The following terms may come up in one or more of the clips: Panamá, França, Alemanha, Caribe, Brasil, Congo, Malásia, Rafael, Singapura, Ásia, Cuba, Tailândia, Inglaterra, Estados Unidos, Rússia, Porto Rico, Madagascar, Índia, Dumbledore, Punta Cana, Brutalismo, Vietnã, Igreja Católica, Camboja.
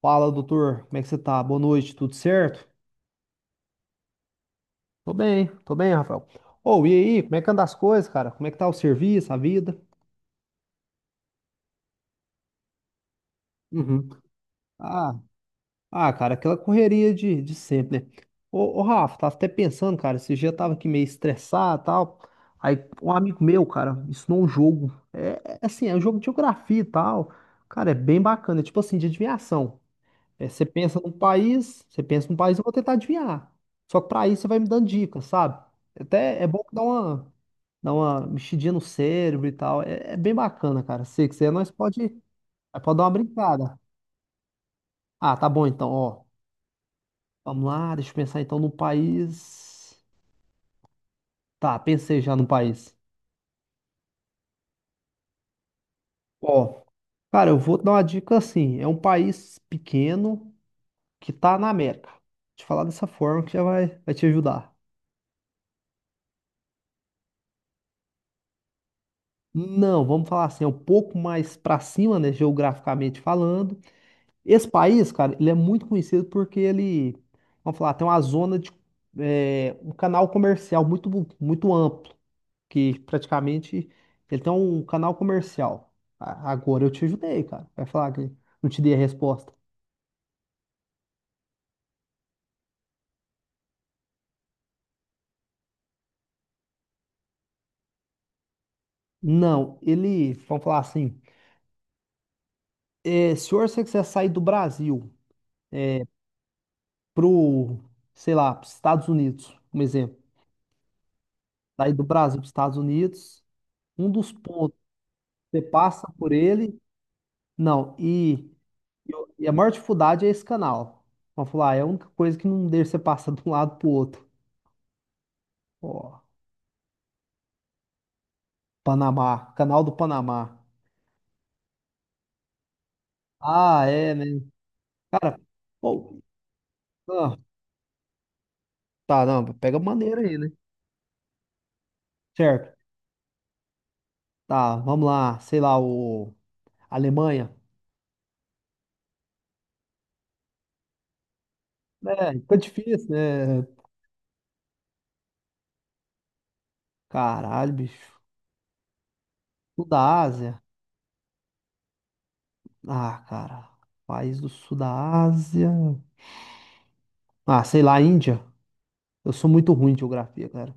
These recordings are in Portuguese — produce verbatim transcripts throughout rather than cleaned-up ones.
Fala, doutor, como é que você tá? Boa noite, tudo certo? Tô bem, tô bem, Rafael. Ô, e aí, como é que anda as coisas, cara? Como é que tá o serviço, a vida? Uhum. Ah, ah, cara, aquela correria de, de sempre, né? Ô, ô, Rafa, tava até pensando, cara, esse dia eu tava aqui meio estressado e tal. Aí um amigo meu, cara, me ensinou um jogo. É, é assim, é um jogo de geografia e tal. Cara, é bem bacana, é tipo assim, de adivinhação. É, você pensa num país, você pensa num país, eu vou tentar adivinhar. Só que para isso você vai me dando dicas, sabe? Até é bom que dá uma, dá uma mexidinha no cérebro e tal. É, é bem bacana, cara. Se quiser, nós pode, nós pode dar uma brincada. Ah, tá bom então, ó. Vamos lá, deixa eu pensar então no país. Tá, pensei já no país. Ó, cara, eu vou dar uma dica assim. É um país pequeno que tá na América. Vou te falar dessa forma que já vai, vai te ajudar. Não, vamos falar assim, é um pouco mais para cima, né, geograficamente falando. Esse país, cara, ele é muito conhecido porque ele, vamos falar, tem uma zona de é, um canal comercial muito bu- muito amplo, que praticamente ele tem um canal comercial. A- Agora eu te ajudei, cara. Vai falar que não te dei a resposta. Não, ele, vamos falar assim, é, se você quiser sair do Brasil pro, sei lá, pros Estados Unidos, um exemplo, sair do Brasil para Estados Unidos. Um dos pontos, você passa por ele, não, e, e o- e a maior dificuldade é esse canal. Vamos falar, é a única coisa que não deixa você passar de um lado pro outro. Ó, Panamá, canal do Panamá. Ah, é, né? Cara, pô, ah, tá, não, pega maneira aí, né? Certo, tá, vamos lá, sei lá, o Alemanha. É, fica difícil, né? Caralho, bicho. Sul da Ásia. Ah, cara, país do Sul da Ásia. Ah, sei lá, Índia. Eu sou muito ruim de geografia, cara.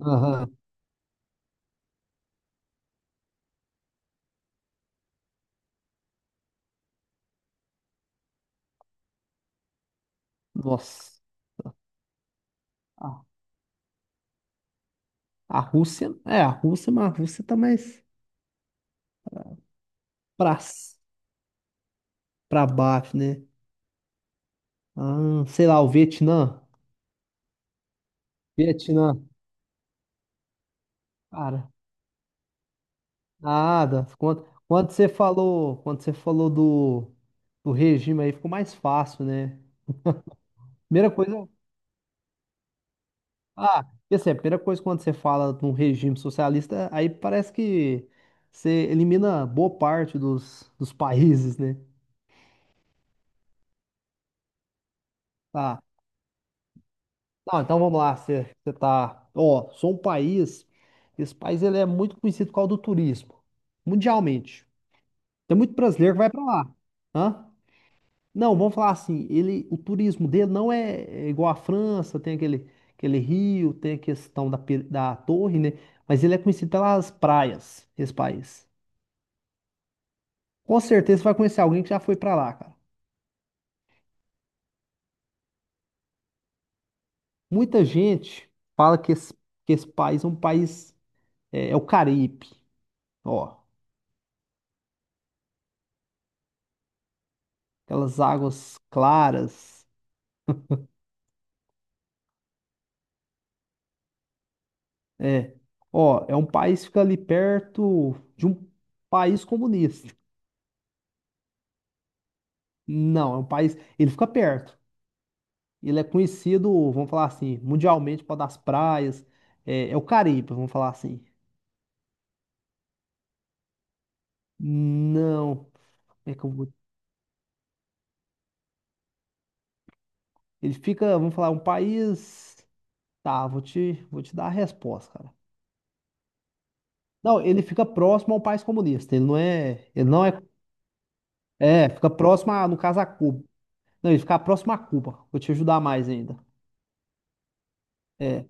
Aham. Nossa. A, a Rússia. É, a Rússia, mas a Rússia tá mais pra, s- pra baixo, né? Ah, sei lá, o Vietnã. Vietnã. Cara, nada. Quando, quando você falou, quando você falou do, do regime aí, ficou mais fácil, né? Primeira coisa. Ah, e é a primeira coisa quando você fala de um regime socialista, aí parece que você elimina boa parte dos, dos países, né? Tá. Não, então vamos lá, você você tá, ó, sou um país, esse país ele é muito conhecido por causa do turismo, mundialmente. Tem muito brasileiro que vai pra lá, hã? Não, vamos falar assim, ele, o turismo dele não é, é igual à França, tem aquele, aquele rio, tem a questão da, pe- da torre, né? Mas ele é conhecido pelas praias, esse país. Com certeza você vai conhecer alguém que já foi pra lá, cara. Muita gente fala que esse, que esse país é um país, é é o Caribe, ó. Aquelas águas claras. É. Ó, é um país que fica ali perto de um país comunista. Não, é um país. Ele fica perto. Ele é conhecido, vamos falar assim, mundialmente por causa das praias. É, é o Caribe, vamos falar assim. Não. Como é que eu vou- Ele fica, vamos falar, um país. Tá, vou te, vou te dar a resposta, cara. Não, ele fica próximo ao país comunista. Ele não é. Ele não é. É, fica próximo, a, no caso, a Cuba. Não, ele fica próximo a Cuba. Vou te ajudar mais ainda. É,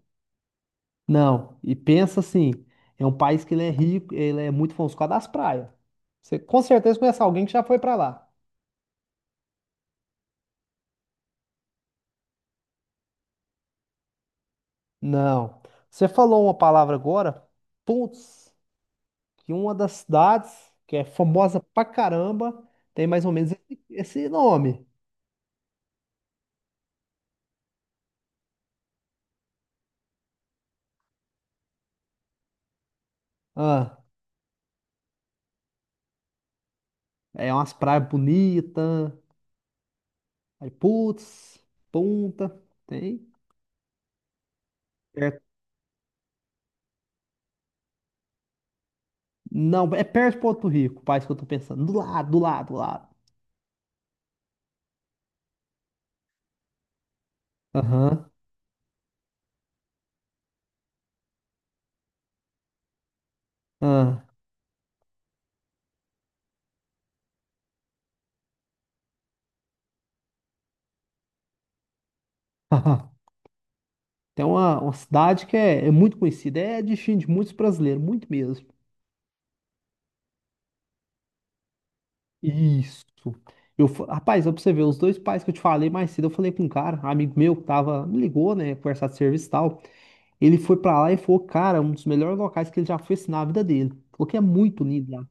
não, e pensa assim, é um país que ele é rico, ele é muito famoso por causa das praias. Você com certeza conhece alguém que já foi pra lá. Não. Você falou uma palavra agora, putz, que uma das cidades que é famosa pra caramba tem mais ou menos esse, esse nome. Ah, é umas praias bonitas, aí putz, Punta, tem? Perto. Não, é perto de Porto Rico, o país que eu tô pensando. Do lado, do lado, do lado. Aham. Ah. Tem uma, uma cidade que é, é muito conhecida, é destino de muitos brasileiros, muito mesmo. Isso. Eu, fa- rapaz, ó, pra você ver, os dois pais que eu te falei mais cedo, eu falei com um cara, um amigo meu, que tava, me ligou, né, conversar de serviço e tal. Ele foi pra lá e falou, cara, um dos melhores locais que ele já foi assim, na vida dele. Falou que é muito lindo lá.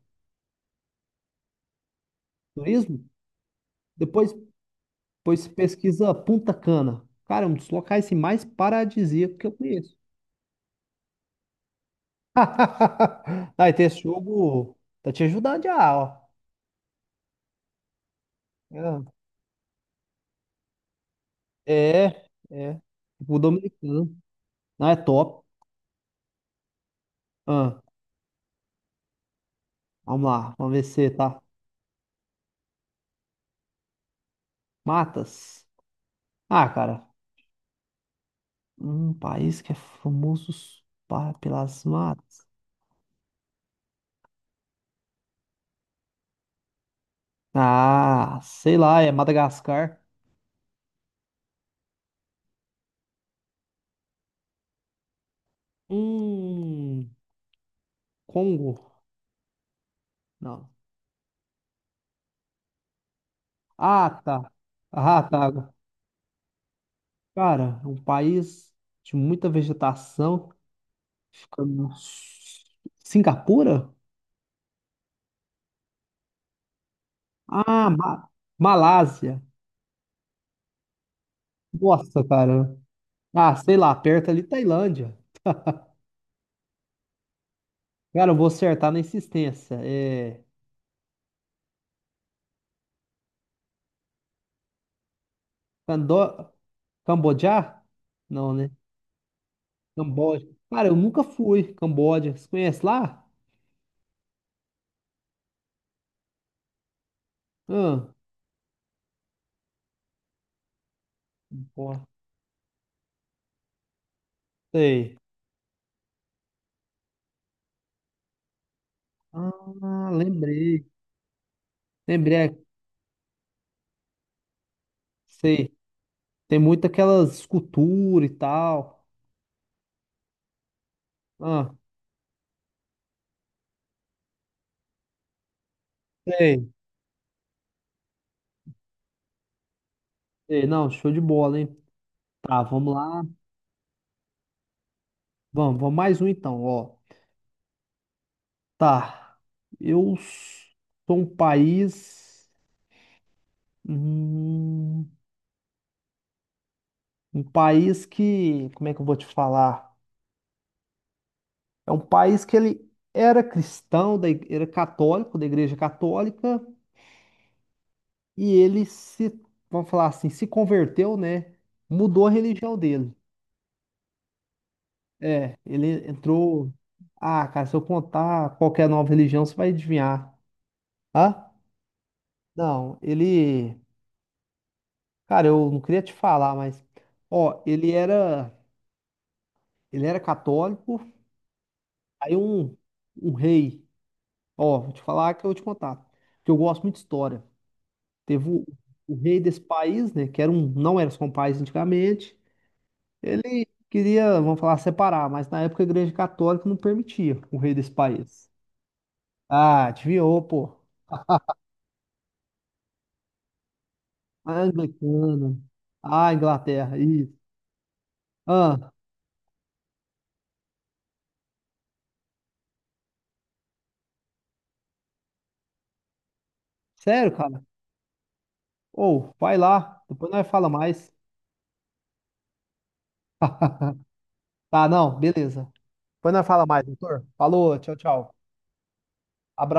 Turismo? Depois, depois você pesquisa Punta Cana. Cara, é um dos locais assim, mais paradisíacos que eu conheço. Aí, tem esse jogo, tá te ajudando já, ó. É, é. Tipo o dominicano. Não, é top. Ah, vamos lá, vamos ver se tá. Matas. Ah, cara, um país que é famoso pa- pelas matas. Ah, sei lá, é Madagascar. Hum, Congo? Não. Ah, tá. Ah, tá. Cara, é um país de muita vegetação. Fica no... Singapura? Ah, Ma- Malásia. Nossa, cara. Ah, sei lá, perto ali Tailândia. Cara, eu vou acertar na insistência. É... Cando... Cambodja? Não, né? Camboja. Cara, eu nunca fui. Camboja. Você conhece lá? Ah, porra. Sei. Ah, lembrei. Lembrei. Sei. Tem muito aquelas esculturas e tal. Ah, sei. Sei. Não, show de bola, hein? Tá, vamos lá. Vamos, vamos mais um então, ó. Tá. Eu sou um país. Hum, Um país que, como é que eu vou te falar? É um país que ele era cristão, da, ig- era católico, da Igreja Católica, e ele se, vamos falar assim, se converteu, né? Mudou a religião dele. É, ele entrou. Ah, cara, se eu contar qualquer nova religião, você vai adivinhar. Hã? Não, ele. Cara, eu não queria te falar, mas. Ó, ele era. Ele era católico. Aí um, um rei. Ó, vou te falar que eu vou te contar. Que eu gosto muito de história. Teve o, o rei desse país, né? Que era um, não era só um país antigamente. Ele queria, vamos falar, separar, mas na época a Igreja Católica não permitia o rei desse país. Ah, desviou, pô. Anglicana. Ah, Inglaterra. Isso. Ah, sério, cara? Ou, vai lá. Depois nós fala mais. Tá, não, beleza. Depois nós fala mais, doutor. Falou, tchau, tchau. Abraço.